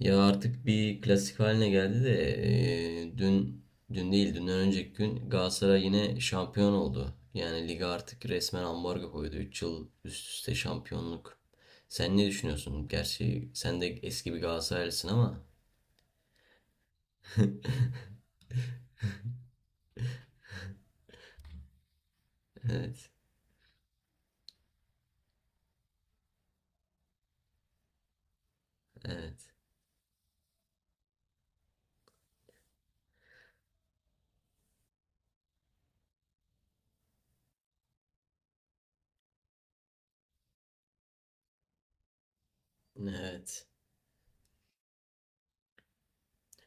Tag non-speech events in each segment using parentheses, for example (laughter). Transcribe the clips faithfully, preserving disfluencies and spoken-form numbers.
Ya artık bir klasik haline geldi de e, dün dün değil dünden önceki gün Galatasaray yine şampiyon oldu. Yani lige artık resmen ambargo koydu. üç yıl üst üste şampiyonluk. Sen ne düşünüyorsun? Gerçi sen de eski bir Galatasaraylısın ama. (laughs) Evet, evet, evet.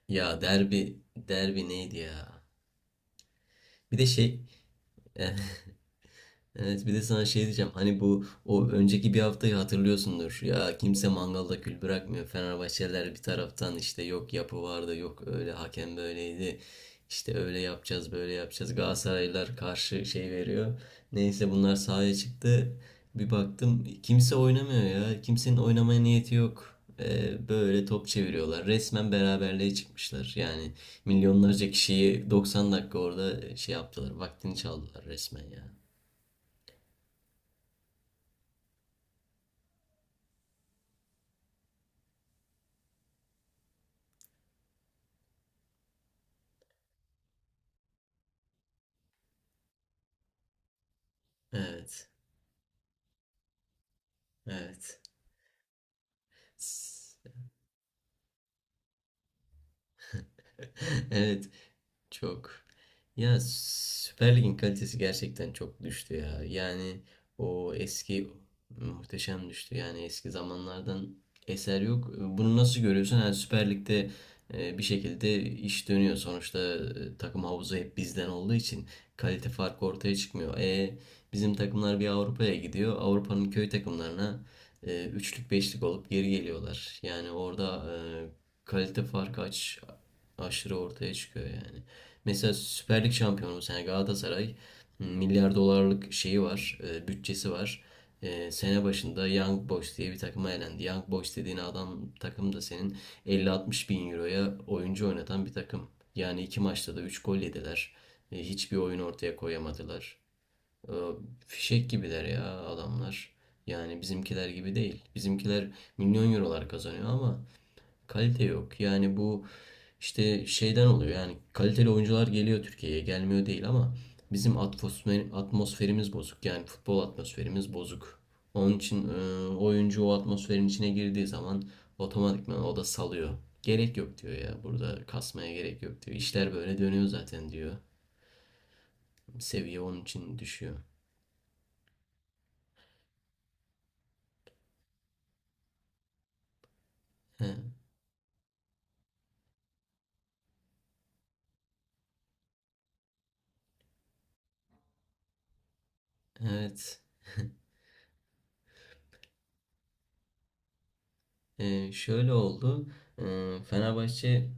Ya derbi, derbi neydi ya? Bir de şey, Evet, bir de sana şey diyeceğim. Hani bu o önceki bir haftayı hatırlıyorsundur. Ya kimse mangalda kül bırakmıyor. Fenerbahçeliler bir taraftan işte yok yapı vardı, yok öyle hakem böyleydi. İşte öyle yapacağız, böyle yapacağız. Galatasaraylılar karşı şey veriyor. Neyse bunlar sahaya çıktı. Bir baktım kimse oynamıyor ya. Kimsenin oynamaya niyeti yok. Ee, böyle top çeviriyorlar. Resmen beraberliğe çıkmışlar. Yani milyonlarca kişiyi doksan dakika orada şey yaptılar. Vaktini çaldılar resmen ya. Evet. Evet. (laughs) Evet. Çok. Ya Süper Lig'in kalitesi gerçekten çok düştü ya. Yani o eski muhteşem düştü. Yani eski zamanlardan eser yok. Bunu nasıl görüyorsun? Yani Süper Lig'de e, bir şekilde iş dönüyor. Sonuçta e, takım havuzu hep bizden olduğu için kalite farkı ortaya çıkmıyor. E, bizim takımlar bir Avrupa'ya gidiyor. Avrupa'nın köy takımlarına e, üçlük beşlik olup geri geliyorlar. Yani orada e, kalite farkı aç, aşırı ortaya çıkıyor yani. Mesela Süper Lig şampiyonu bu sene Galatasaray milyar dolarlık şeyi var, e, bütçesi var. E, sene başında Young Boys diye bir takıma elendi. Young Boys dediğin adam takım da senin elli altmış bin euroya oyuncu oynatan bir takım. Yani iki maçta da üç gol yediler. E, hiçbir oyun ortaya koyamadılar. E, fişek gibiler ya adamlar. Yani bizimkiler gibi değil. Bizimkiler milyon eurolar kazanıyor ama kalite yok. Yani bu işte şeyden oluyor. Yani kaliteli oyuncular geliyor Türkiye'ye. Gelmiyor değil ama bizim atmosfer, atmosferimiz bozuk. Yani futbol atmosferimiz bozuk. Onun için e, oyuncu o atmosferin içine girdiği zaman otomatikman o da salıyor. Gerek yok diyor ya. Burada kasmaya gerek yok diyor. İşler böyle dönüyor zaten diyor. Seviye onun için düşüyor. He, evet. E, şöyle oldu. E, Fenerbahçe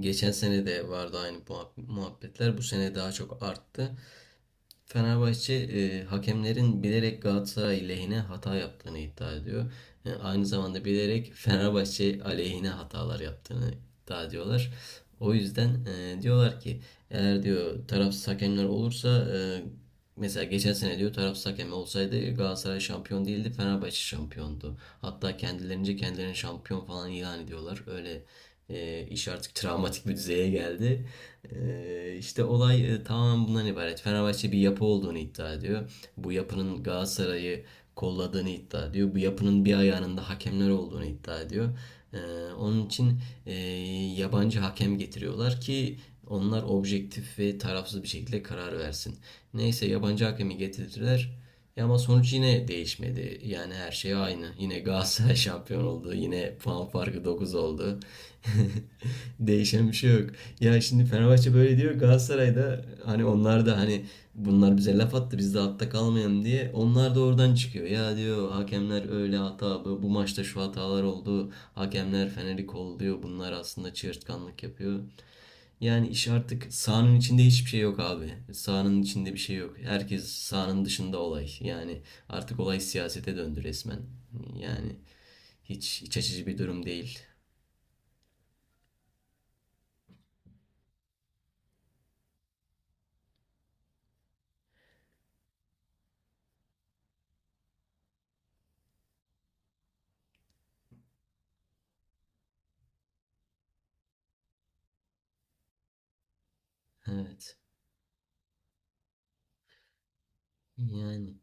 geçen sene de vardı aynı muhab- muhabbetler. Bu sene daha çok arttı. Fenerbahçe e, hakemlerin bilerek Galatasaray lehine hata yaptığını iddia ediyor. E, aynı zamanda bilerek Fenerbahçe aleyhine hatalar yaptığını iddia ediyorlar. O yüzden e, diyorlar ki eğer diyor tarafsız hakemler olursa e, mesela geçen sene diyor tarafsız hakem olsaydı Galatasaray şampiyon değildi, Fenerbahçe şampiyondu. Hatta kendilerince kendilerini şampiyon falan ilan ediyorlar. Öyle e, iş artık travmatik bir düzeye geldi. E, işte olay e, tamamen bundan ibaret. Fenerbahçe bir yapı olduğunu iddia ediyor. Bu yapının Galatasaray'ı kolladığını iddia ediyor. Bu yapının bir ayağının da hakemler olduğunu iddia ediyor. E, onun için e, yabancı hakem getiriyorlar ki onlar objektif ve tarafsız bir şekilde karar versin. Neyse yabancı hakemi getirdiler. Ya ama sonuç yine değişmedi. Yani her şey aynı. Yine Galatasaray şampiyon oldu. Yine puan farkı dokuz oldu. (laughs) Değişen bir şey yok. Ya şimdi Fenerbahçe böyle diyor. Galatasaray da hani, onlar da hani bunlar bize laf attı. Biz de altta kalmayalım diye. Onlar da oradan çıkıyor. Ya diyor hakemler öyle hata. Bu, bu maçta şu hatalar oldu. Hakemler Fener'i kolluyor. Bunlar aslında çığırtkanlık yapıyor. Yani iş artık sahanın içinde hiçbir şey yok abi. Sahanın içinde bir şey yok. Herkes sahanın dışında olay. Yani artık olay siyasete döndü resmen. Yani hiç iç açıcı bir durum değil. Evet. Yani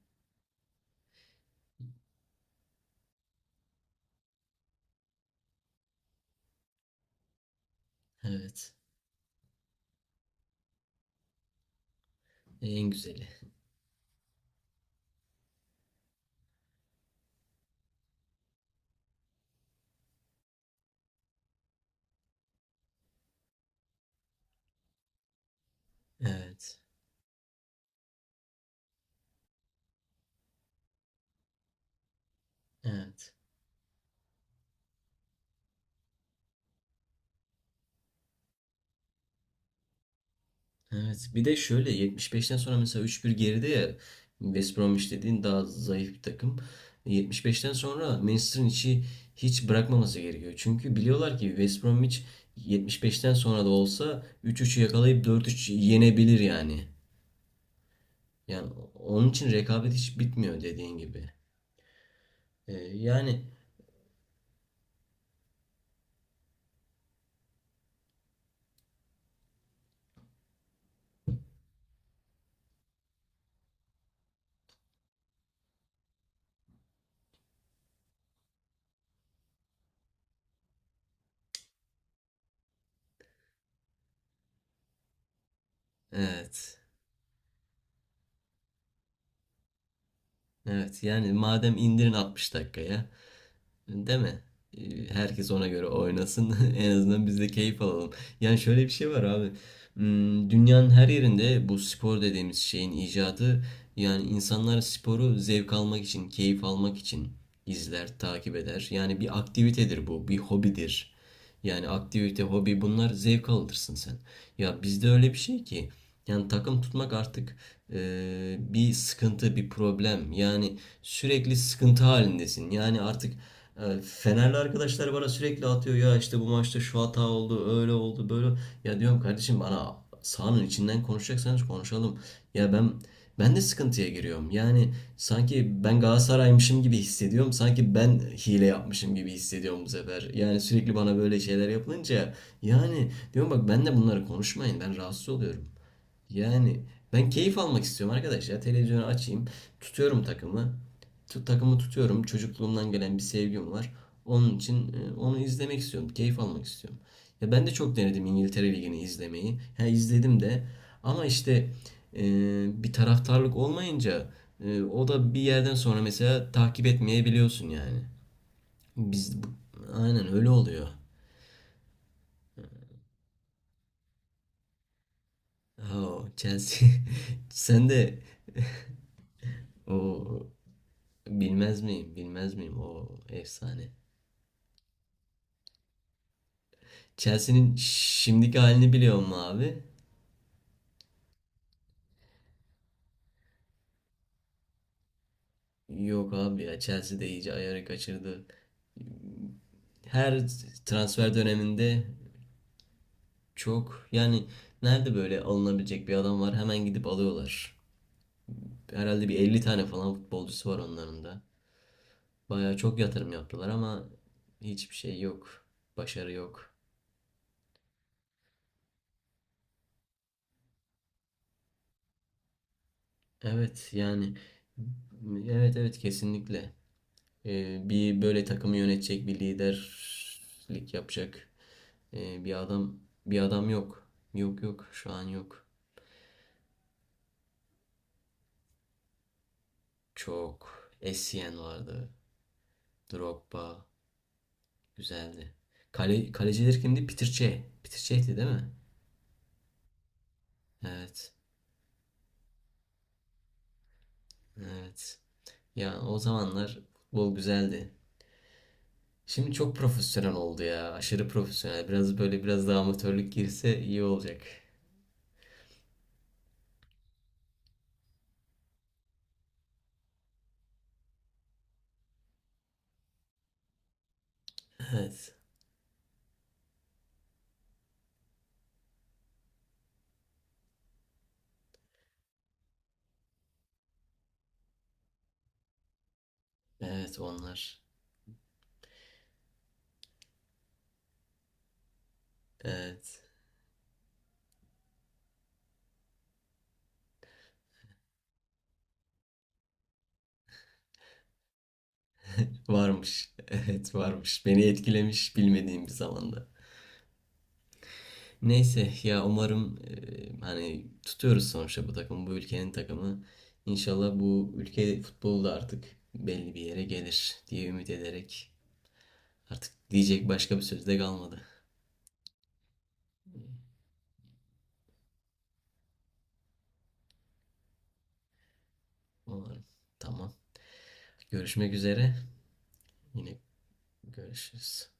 evet. En güzeli. Evet. Evet. Evet. Bir de şöyle yetmiş beşten sonra mesela üç bir geride ya, West Bromwich dediğin daha zayıf bir takım. yetmiş beşten sonra Manchester'ın içi hiç bırakmaması gerekiyor. Çünkü biliyorlar ki West Bromwich yetmiş beşten sonra da olsa üç üçü yakalayıp dört üçe yenebilir yani. Yani onun için rekabet hiç bitmiyor dediğin gibi. Ee, yani evet. Evet yani madem indirin altmış dakikaya, değil mi? Ee, Herkes ona göre oynasın. (laughs) En azından biz de keyif alalım. Yani şöyle bir şey var abi. Hmm, Dünyanın her yerinde bu spor dediğimiz şeyin icadı, yani insanlar sporu zevk almak için, keyif almak için izler, takip eder. Yani bir aktivitedir bu, bir hobidir. Yani aktivite, hobi bunlar zevk alırsın sen. Ya bizde öyle bir şey ki yani takım tutmak artık e, bir sıkıntı, bir problem. Yani sürekli sıkıntı halindesin. Yani artık e, Fenerli arkadaşlar bana sürekli atıyor ya işte bu maçta şu hata oldu, öyle oldu, böyle. Ya diyorum kardeşim bana sahanın içinden konuşacaksanız konuşalım. Ya ben ben de sıkıntıya giriyorum. Yani sanki ben Galatasaray'mışım gibi hissediyorum. Sanki ben hile yapmışım gibi hissediyorum bu sefer. Yani sürekli bana böyle şeyler yapılınca yani diyorum bak ben de bunları konuşmayın. Ben rahatsız oluyorum. Yani ben keyif almak istiyorum arkadaş ya. Televizyonu açayım. Tutuyorum takımı. Tu- takımı tutuyorum. Çocukluğumdan gelen bir sevgim var. Onun için e, onu izlemek istiyorum. Keyif almak istiyorum. Ya ben de çok denedim İngiltere Ligi'ni izlemeyi. Ha, izledim de. Ama işte e, bir taraftarlık olmayınca e, o da bir yerden sonra mesela takip etmeyebiliyorsun yani. Biz bu- aynen öyle oluyor. Ha, o Chelsea. (laughs) Sen de o Bilmez miyim? Bilmez miyim? O efsane. Chelsea'nin şimdiki halini biliyor mu abi? Yok abi ya, Chelsea de iyice ayarı kaçırdı. Her transfer döneminde çok yani nerede böyle alınabilecek bir adam var hemen gidip alıyorlar. Herhalde bir elli tane falan futbolcusu var onların da. Bayağı çok yatırım yaptılar ama hiçbir şey yok. Başarı yok. Evet yani evet, evet kesinlikle. Ee, bir böyle takımı yönetecek, bir liderlik yapacak ee, bir adam bir adam yok. Yok yok, şu an yok. Çok. Essien vardı. Drogba güzeldi. Kale, kaleciler kimdi? Peter Cech. Peter Cech'ti değil mi? Evet. Evet. Ya o zamanlar futbol güzeldi. Şimdi çok profesyonel oldu ya. Aşırı profesyonel. Biraz böyle biraz daha amatörlük girse iyi olacak. Evet. Evet onlar. Evet. Varmış. (laughs) Evet varmış. Beni etkilemiş bilmediğim bir zamanda. Neyse ya, umarım e, hani tutuyoruz sonuçta bu takımı. Bu ülkenin takımı. İnşallah bu ülke futbolu da artık belli bir yere gelir diye ümit ederek, artık diyecek başka bir söz de kalmadı. Umarım. Tamam. Görüşmek üzere. Yine görüşürüz.